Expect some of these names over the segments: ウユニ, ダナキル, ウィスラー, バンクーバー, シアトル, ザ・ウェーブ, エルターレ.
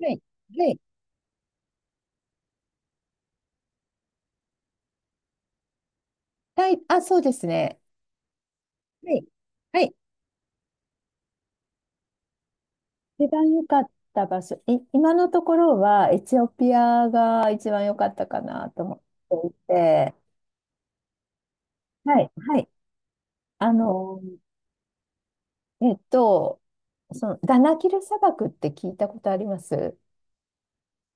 はい。はい。はい。あ、そうですね。はい。はい。一番良かった場所、今のところはエチオピアが一番良かったかなと思っていて、はい、はい。あの、えっと、そのダナキル砂漠って聞いたことあります？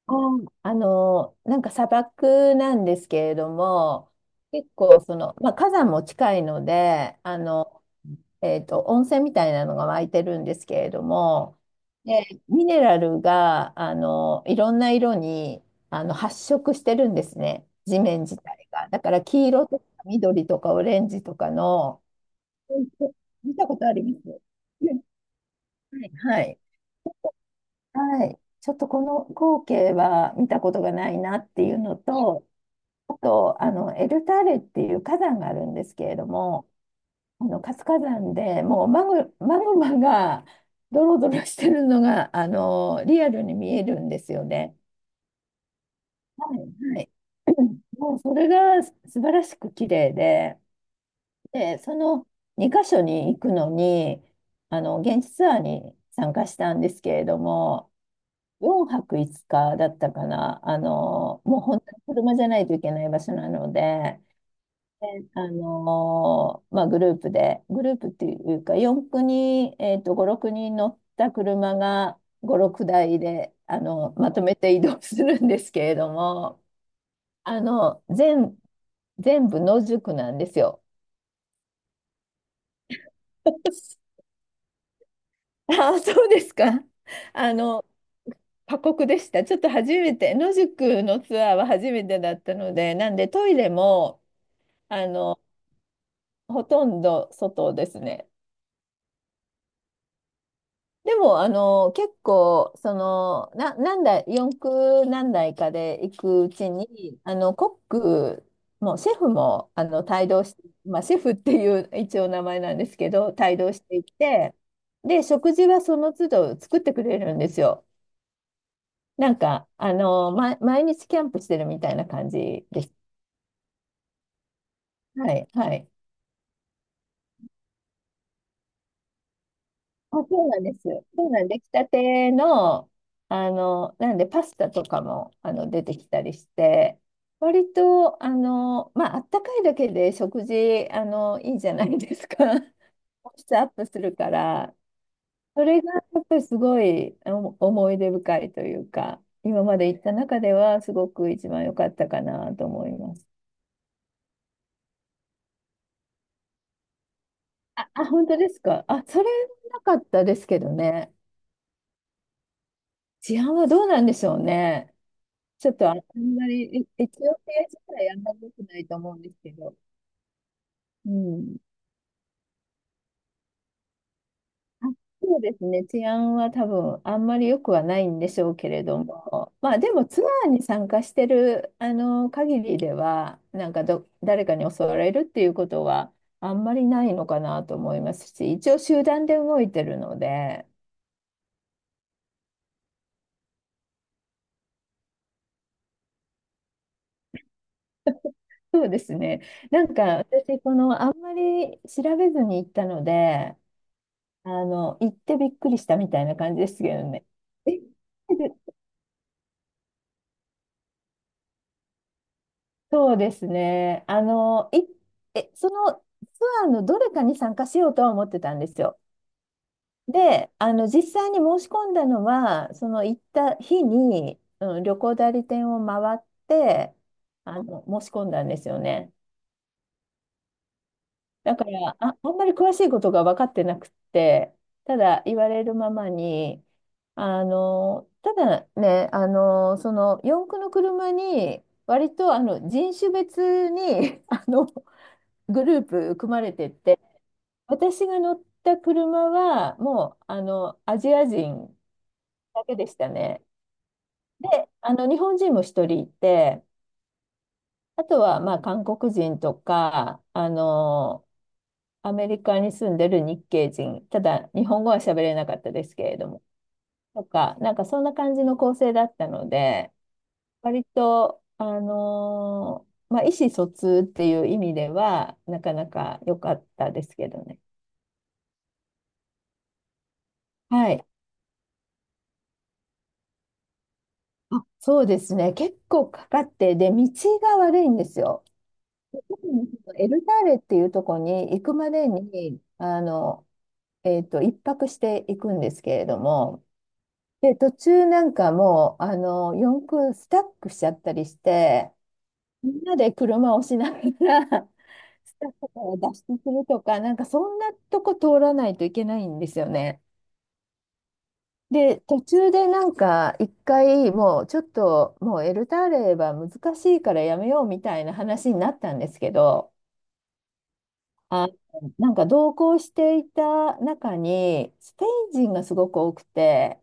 なんか砂漠なんですけれども、結構まあ、火山も近いので、温泉みたいなのが湧いてるんですけれども、で、ミネラルが、いろんな色に、発色してるんですね。地面自体が。だから黄色とか緑とかオレンジとかの、見たことあります。はいはい。はい。ちょっとこの光景は見たことがないなっていうのと、あと、エルターレっていう火山があるんですけれども、活火山でもうマグマがドロドロしてるのがリアルに見えるんですよね。はいはい、もうそれが素晴らしく綺麗で、で、その2箇所に行くのにあの現地ツアーに参加したんですけれども、4泊5日だったかな、もう本当に車じゃないといけない場所なので。でまあ、グループで、グループっていうか、4、9人、5、6人乗った車が5、6台で、まとめて移動するんですけれども、あの、全、全部野宿なんですよ。ああ、そうですか。あの、過酷でした。ちょっと初めて、野宿のツアーは初めてだったので、なんでトイレも、あの、ほとんど外ですね。でも、結構、何台、四駆何台かで行くうちに、コックも、シェフも、帯同して、まあ、シェフっていう一応名前なんですけど、帯同していって、で、食事はその都度作ってくれるんですよ。なんか、毎日キャンプしてるみたいな感じです。はい、はい。あ、そうなんです。そうなんで、出来たての、なんで、パスタとかも、出てきたりして、割と、まあ、あったかいだけで食事、いいじゃないですか。質アップするから、それが、やっぱりすごい、思い出深いというか、今まで行った中では、すごく一番良かったかなと思います。あ、本当ですか。あ、それなかったですけどね。治安はどうなんでしょうね。ちょっとあんまり、エチオピア自体あんまり良くないと思うんですけど、うん。あ、そうですね。治安は多分あんまり良くはないんでしょうけれども、まあでもツアーに参加してるあの限りでは、なんか誰かに襲われるっていうことはあんまりないのかなと思いますし、一応集団で動いてるので、そうですね。なんか私、このあんまり調べずに行ったので、行ってびっくりしたみたいな感じですけどね。え、そうですね。そのツアーのどれかに参加しようとは思ってたんですよ。で、実際に申し込んだのは、その行った日に、うん、旅行代理店を回って、申し込んだんですよね。だから、あんまり詳しいことが分かってなくって、ただ言われるままに、ただね、その四駆の車に、割とあの人種別に あのグループ組まれてって、私が乗った車は、もうあのアジア人だけでしたね。で、あの日本人も一人いて、あとはまあ韓国人とか、アメリカに住んでる日系人、ただ日本語は喋れなかったですけれども、とか、なんかそんな感じの構成だったので、割と、まあ、意思疎通っていう意味では、なかなか良かったですけどね。はい。あ、そうですね。結構かかって、で、道が悪いんですよ。特にエルターレっていうところに行くまでに、一泊していくんですけれども、で、途中なんかもう、四駆スタックしちゃったりして、みんなで車を押しながら、スタックから脱出するとか、なんかそんなとこ通らないといけないんですよね。で、途中でなんか、一回もうちょっと、もうエルターレーは難しいからやめようみたいな話になったんですけど、あ、なんか同行していた中に、スペイン人がすごく多くて、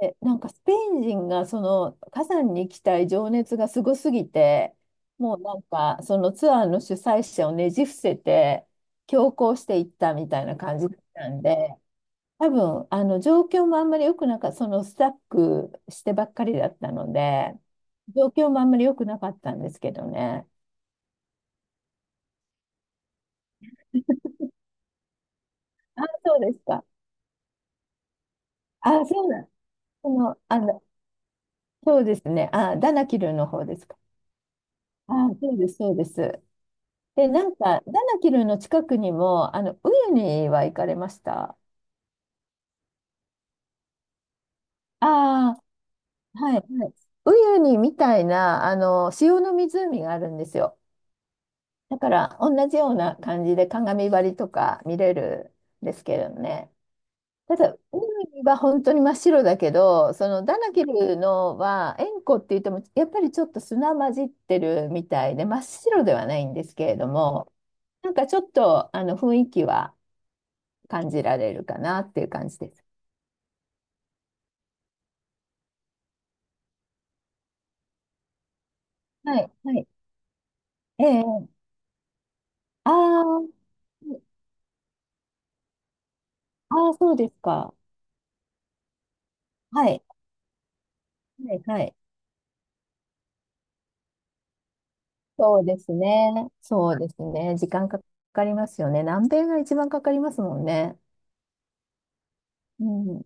でなんかスペイン人がその火山に行きたい情熱がすごすぎて、もうなんかそのツアーの主催者をねじ伏せて強行していったみたいな感じだったんで、多分あの状況もあんまり良くなかった、そのスタックしてばっかりだったので、状況もあんまり良くなかったんですけどね。そうですか。あ、そうなん。その、あの、そうですね。あ、ダナキルの方ですか。あ、そうです、そうです。で、なんか、ダナキルの近くにも、ウユニは行かれました？ああ、はい。はい。ウユニみたいな、塩の湖があるんですよ。だから、同じような感じで鏡張りとか見れるんですけれどね。ただ、ウユニは本当に真っ白だけど、そのダナキルのは、塩湖って言っても、やっぱりちょっと砂混じってるみたいで、真っ白ではないんですけれども、なんかちょっと、雰囲気は感じられるかなっていう感じです。はい、はい。ええ、ああ、ああ、そうですか。はい、はい、はい。そうですね。そうですね。時間かかりますよね。南米が一番かかりますもんね。うん。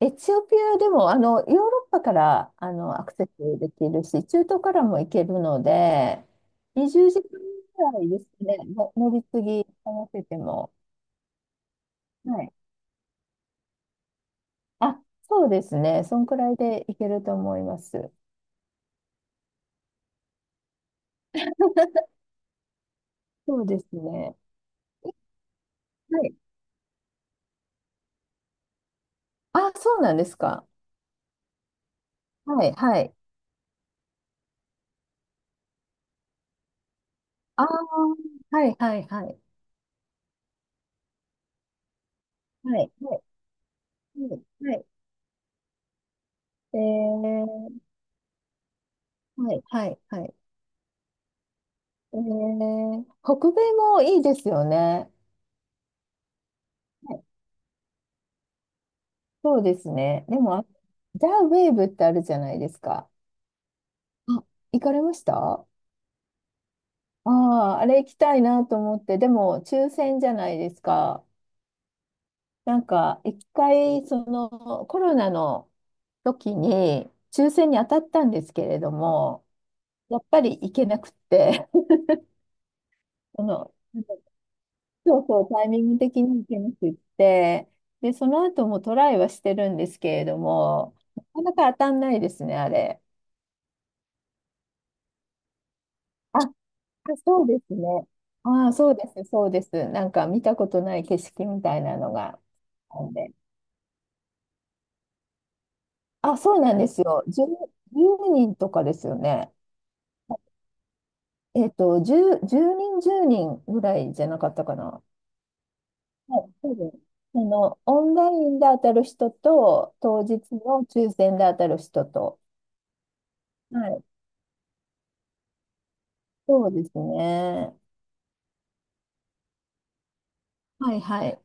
エチオピアでも、ヨーロッパから、アクセスできるし、中東からも行けるので、20時間ぐらいですね。の乗り継ぎ合わせても。はい。あ、そうですね。そんくらいで行けると思います。そうですね。はい。あ、そうなんですか。はい、はい。ああ、はい、はい、はい。はい、はい、はい。はい。えー、はい、はい、はい。えー、北米もいいですよね。はい。そうですね。でも、あ、ザ・ウェーブってあるじゃないですか。あ、行かれました？ああー、あれ行きたいなと思って、でも、抽選じゃないですか。なんか、一回、コロナの時に、抽選に当たったんですけれども、やっぱり行けなくって、その、そうそう、タイミング的に行けなくって、で、その後もトライはしてるんですけれども、なかなか当たんないですね、あれ。あ、そうですね。ああ、そうです、そうです。なんか見たことない景色みたいなのがあるんで。あ、そうなんですよ。10、人とかですよね。えっと、10、10人、10人ぐらいじゃなかったかな。はい、そうです。オンラインで当たる人と、当日の抽選で当たる人と。はい、そうですね。はい、はい、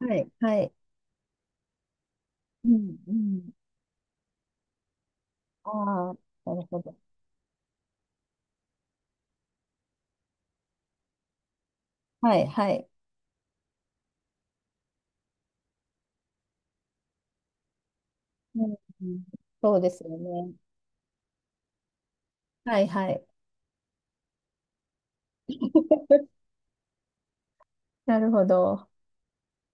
はい、はい。うん、うん。ああ、なるほど。はい、はい。うん、うん。そうですよね。はい、はい。なるほど。